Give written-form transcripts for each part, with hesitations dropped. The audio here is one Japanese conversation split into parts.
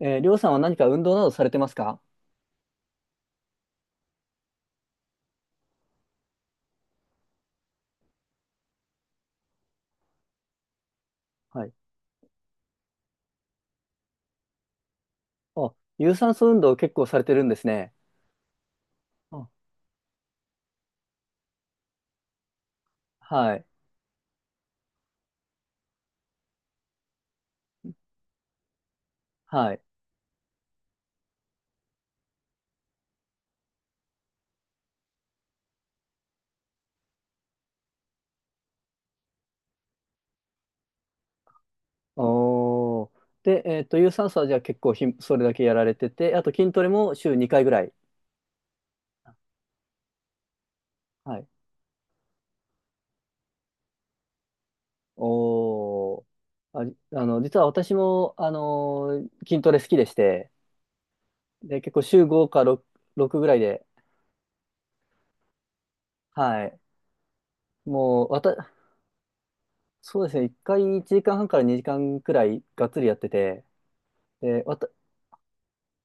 りょうさんは何か運動などされてますか？はい。あ、有酸素運動を結構されてるんですね。あ、はい。はい。おー。で、有酸素はじゃあ結構それだけやられてて、あと筋トレも週2回ぐらい。はい。おー。あ、あの、実は私も、筋トレ好きでして、で、結構週5か6、6ぐらいで、はい。もう、わた、そうですね、1回1時間半かんはんから2時間くらいがっつりやってて、で、わた、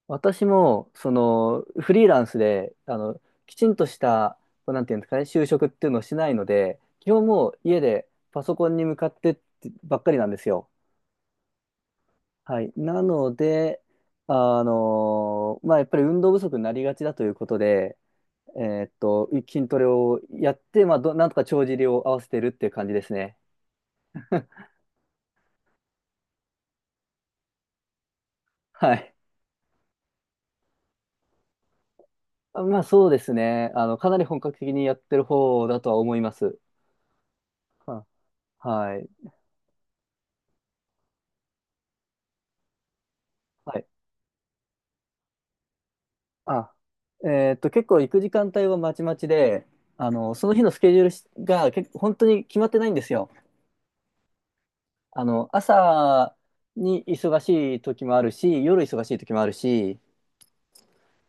私も、その、フリーランスで、あの、きちんとした、こうなんていうんですかね、就職っていうのをしないので、基本もう家でパソコンに向かってってばっかりなんですよ。はい。なので、あの、まあ、やっぱり運動不足になりがちだということで、筋トレをやって、まあ、なんとか帳尻を合わせてるっていう感じですね。はい。まあ、そうですね。あの、かなり本格的にやってる方だとは思います。ははい。はい。あ、結構行く時間帯はまちまちで、あの、その日のスケジュールが結構本当に決まってないんですよ。あの、朝に忙しい時もあるし、夜忙しい時もあるし、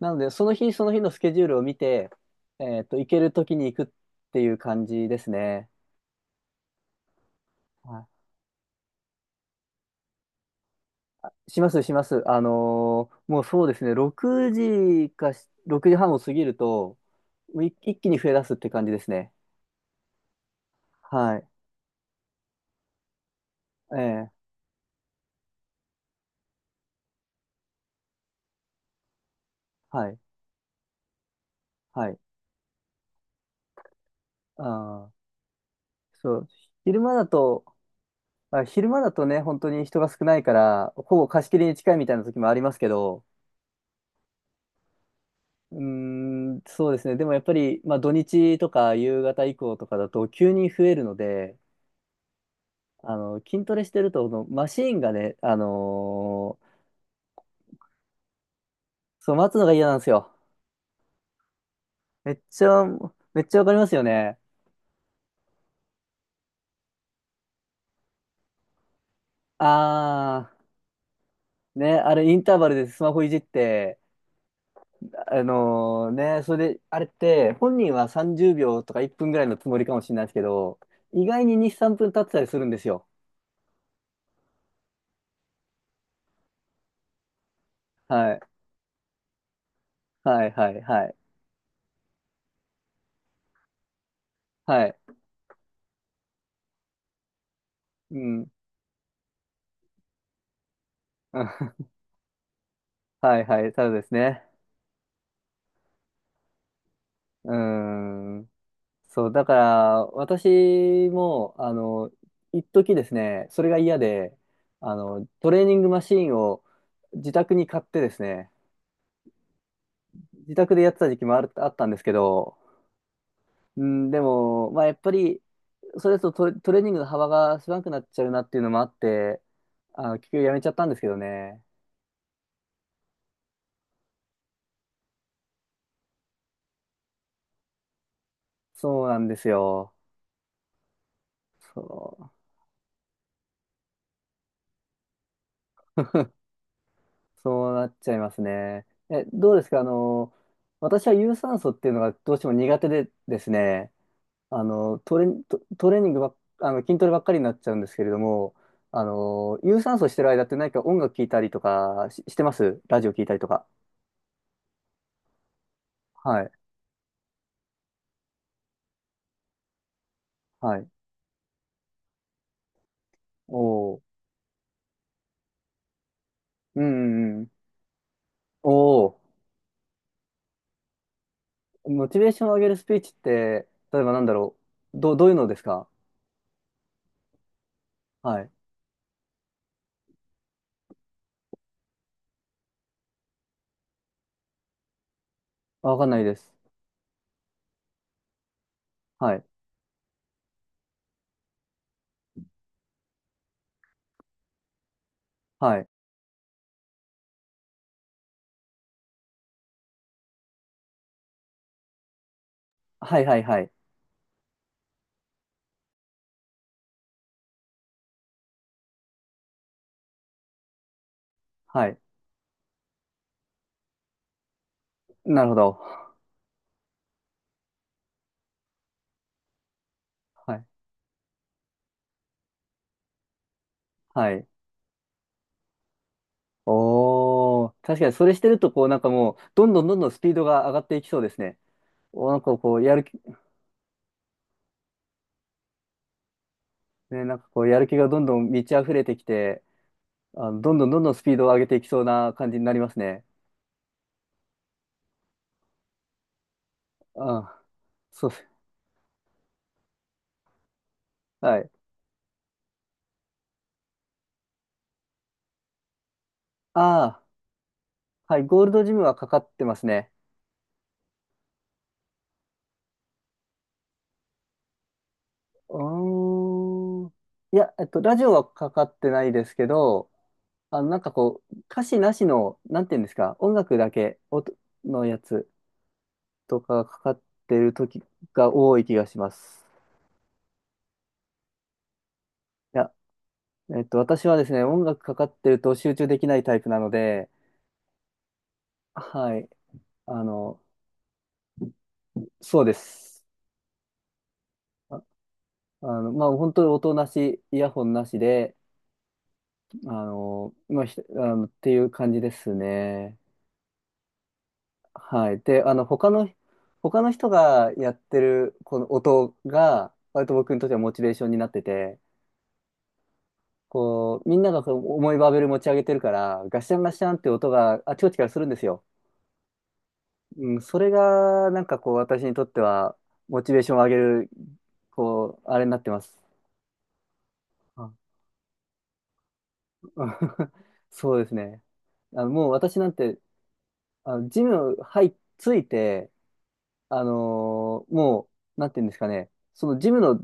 なので、その日その日のスケジュールを見て、行ける時に行くっていう感じですね。はい。します、します。もうそうですね、6時時半を過ぎると、もう一気に増え出すって感じですね。はい。ええ。はい。はい。あ、そう、昼間だと、あ、昼間だとね、本当に人が少ないから、ほぼ貸し切りに近いみたいな時もありますけど、うーん、そうですね。でもやっぱり、まあ土日とか夕方以降とかだと急に増えるので、あの、筋トレしてると、そのマシーンがね、そう、待つのが嫌なんですよ。めっちゃ、めっちゃわかりますよね。あー、ね、あれインターバルでスマホいじって、あのね、それで、あれって、本人は30秒とか1分ぐらいのつもりかもしれないですけど、意外に2、3分経ってたりするんですよ。はい。はい、はい、はい。はい。うん。はい、はい。ただですね。うーん。そう、だから、私も、あの、一時ですね、それが嫌で、あの、トレーニングマシーンを自宅に買ってですね、自宅でやってた時期もあったんですけど、うん、でも、まあ、やっぱり、それだとトレーニングの幅が狭くなっちゃうなっていうのもあって、あの、結局やめちゃったんですけどね。そうなんですよ。そそうなっちゃいますね。え、どうですかあの、私は有酸素っていうのがどうしても苦手でですね、あの、トレーニングばっ、あの、筋トレばっかりになっちゃうんですけれども、あの、有酸素してる間って何か音楽聴いたりとかしてます？ラジオ聴いたりとか。はい、はい。おー。うんうん。おお、モチベーションを上げるスピーチって、例えばなんだろう。どういうのですか？はい。あ、わかんないです。はい。はい。はいはいはい。はい。なるほど。はい。はい。おお、確かにそれしてると、こうなんかもう、どんどんどんどんスピードが上がっていきそうですね。お、なんかこう、やる気、ね、なんかこう、やる気がどんどん満ち溢れてきて、あの、どんどんどんどんスピードを上げていきそうな感じになりますね。ああ、そう、はい。ああ、はい。ゴールドジムはかかってますね。うーん。いや、ラジオはかかってないですけど、あの、なんかこう、歌詞なしの、なんていうんですか、音楽だけのやつとかがかかってる時が多い気がします。いや、私はですね、音楽かかってると集中できないタイプなので、はい、あの、そうです。あ、あの、まあ、本当に音なし、イヤホンなしで、あの、まあ、ひあの、っていう感じですね。はい。で、他の人がやってる、この音が、割と僕にとってはモチベーションになってて、こう、みんながこう重いバーベル持ち上げてるから、ガシャンガシャンって音があちこちからするんですよ。うん、それが、なんかこう、私にとっては、モチベーションを上げる、こう、あれになってます。あ。 そうですね。あの、もう私なんて、あの、ジム入っついて、もう、なんていうんですかね、そのジムの、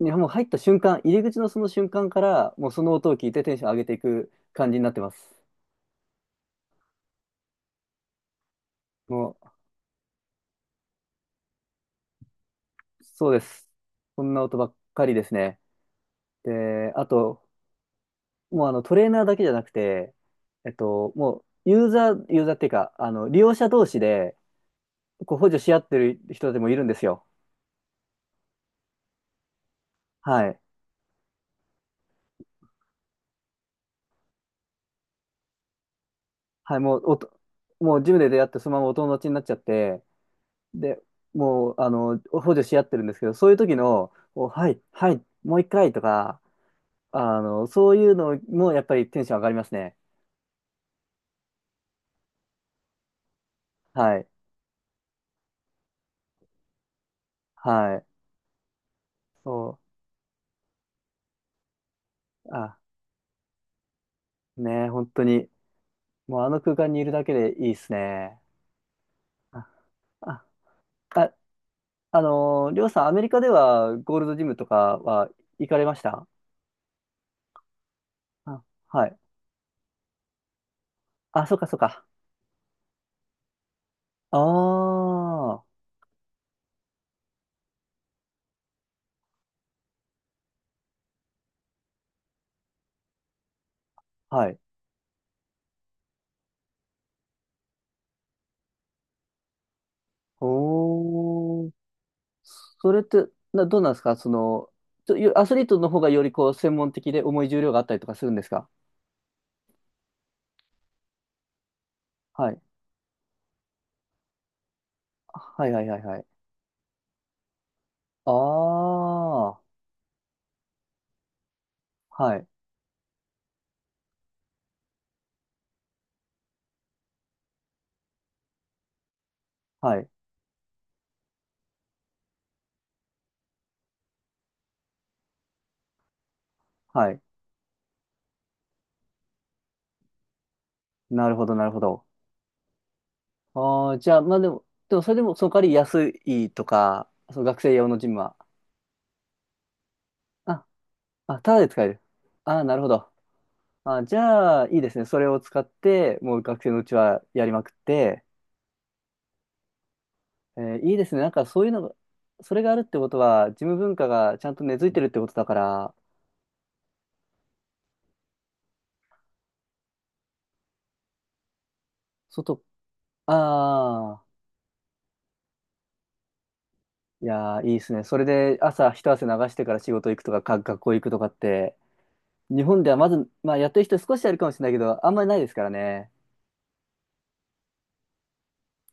にもう入った瞬間、入り口のその瞬間から、もうその音を聞いてテンション上げていく感じになってます。もう、そうです。こんな音ばっかりですね。で、あと、もうあのトレーナーだけじゃなくて、もうユーザーっていうか、あの、利用者同士で、こう補助し合ってる人でもいるんですよ。はい。はい、もうジムで出会ってそのままお友達になっちゃって、で、もう、あの、補助し合ってるんですけど、そういう時の、お、はい、はい、もう一回とか、あの、そういうのもやっぱりテンション上がりますね。はい、はい。そう、あ、ねえ、本当に、もうあの空間にいるだけでいいですね。あ、あ、あ、りょうさん、アメリカではゴールドジムとかは行かれました？あ、はい。あ、そうか、そうか。ああ、はい。おー。それって、どうなんですかその、ちょよアスリートの方がよりこう、専門的で重い重量があったりとかするんですか？はい。はいはいはいはい。ああ、はい、はい、はい。なるほど、なるほど。ああ、じゃあ、まあでも、でもそれでも、その代わり安いとか、その学生用のジムは。あ、あ、ただで使える。ああ、なるほど。あ、じゃあ、いいですね。それを使って、もう学生のうちはやりまくって、えーいいですね。なんかそういうのが、それがあるってことは、事務文化がちゃんと根付いてるってことだから、外、ああ、いやー、いいですね。それで朝一汗流してから仕事行くとか、学校行くとかって、日本ではまず、まあやってる人少しあるかもしれないけど、あんまりないですからね。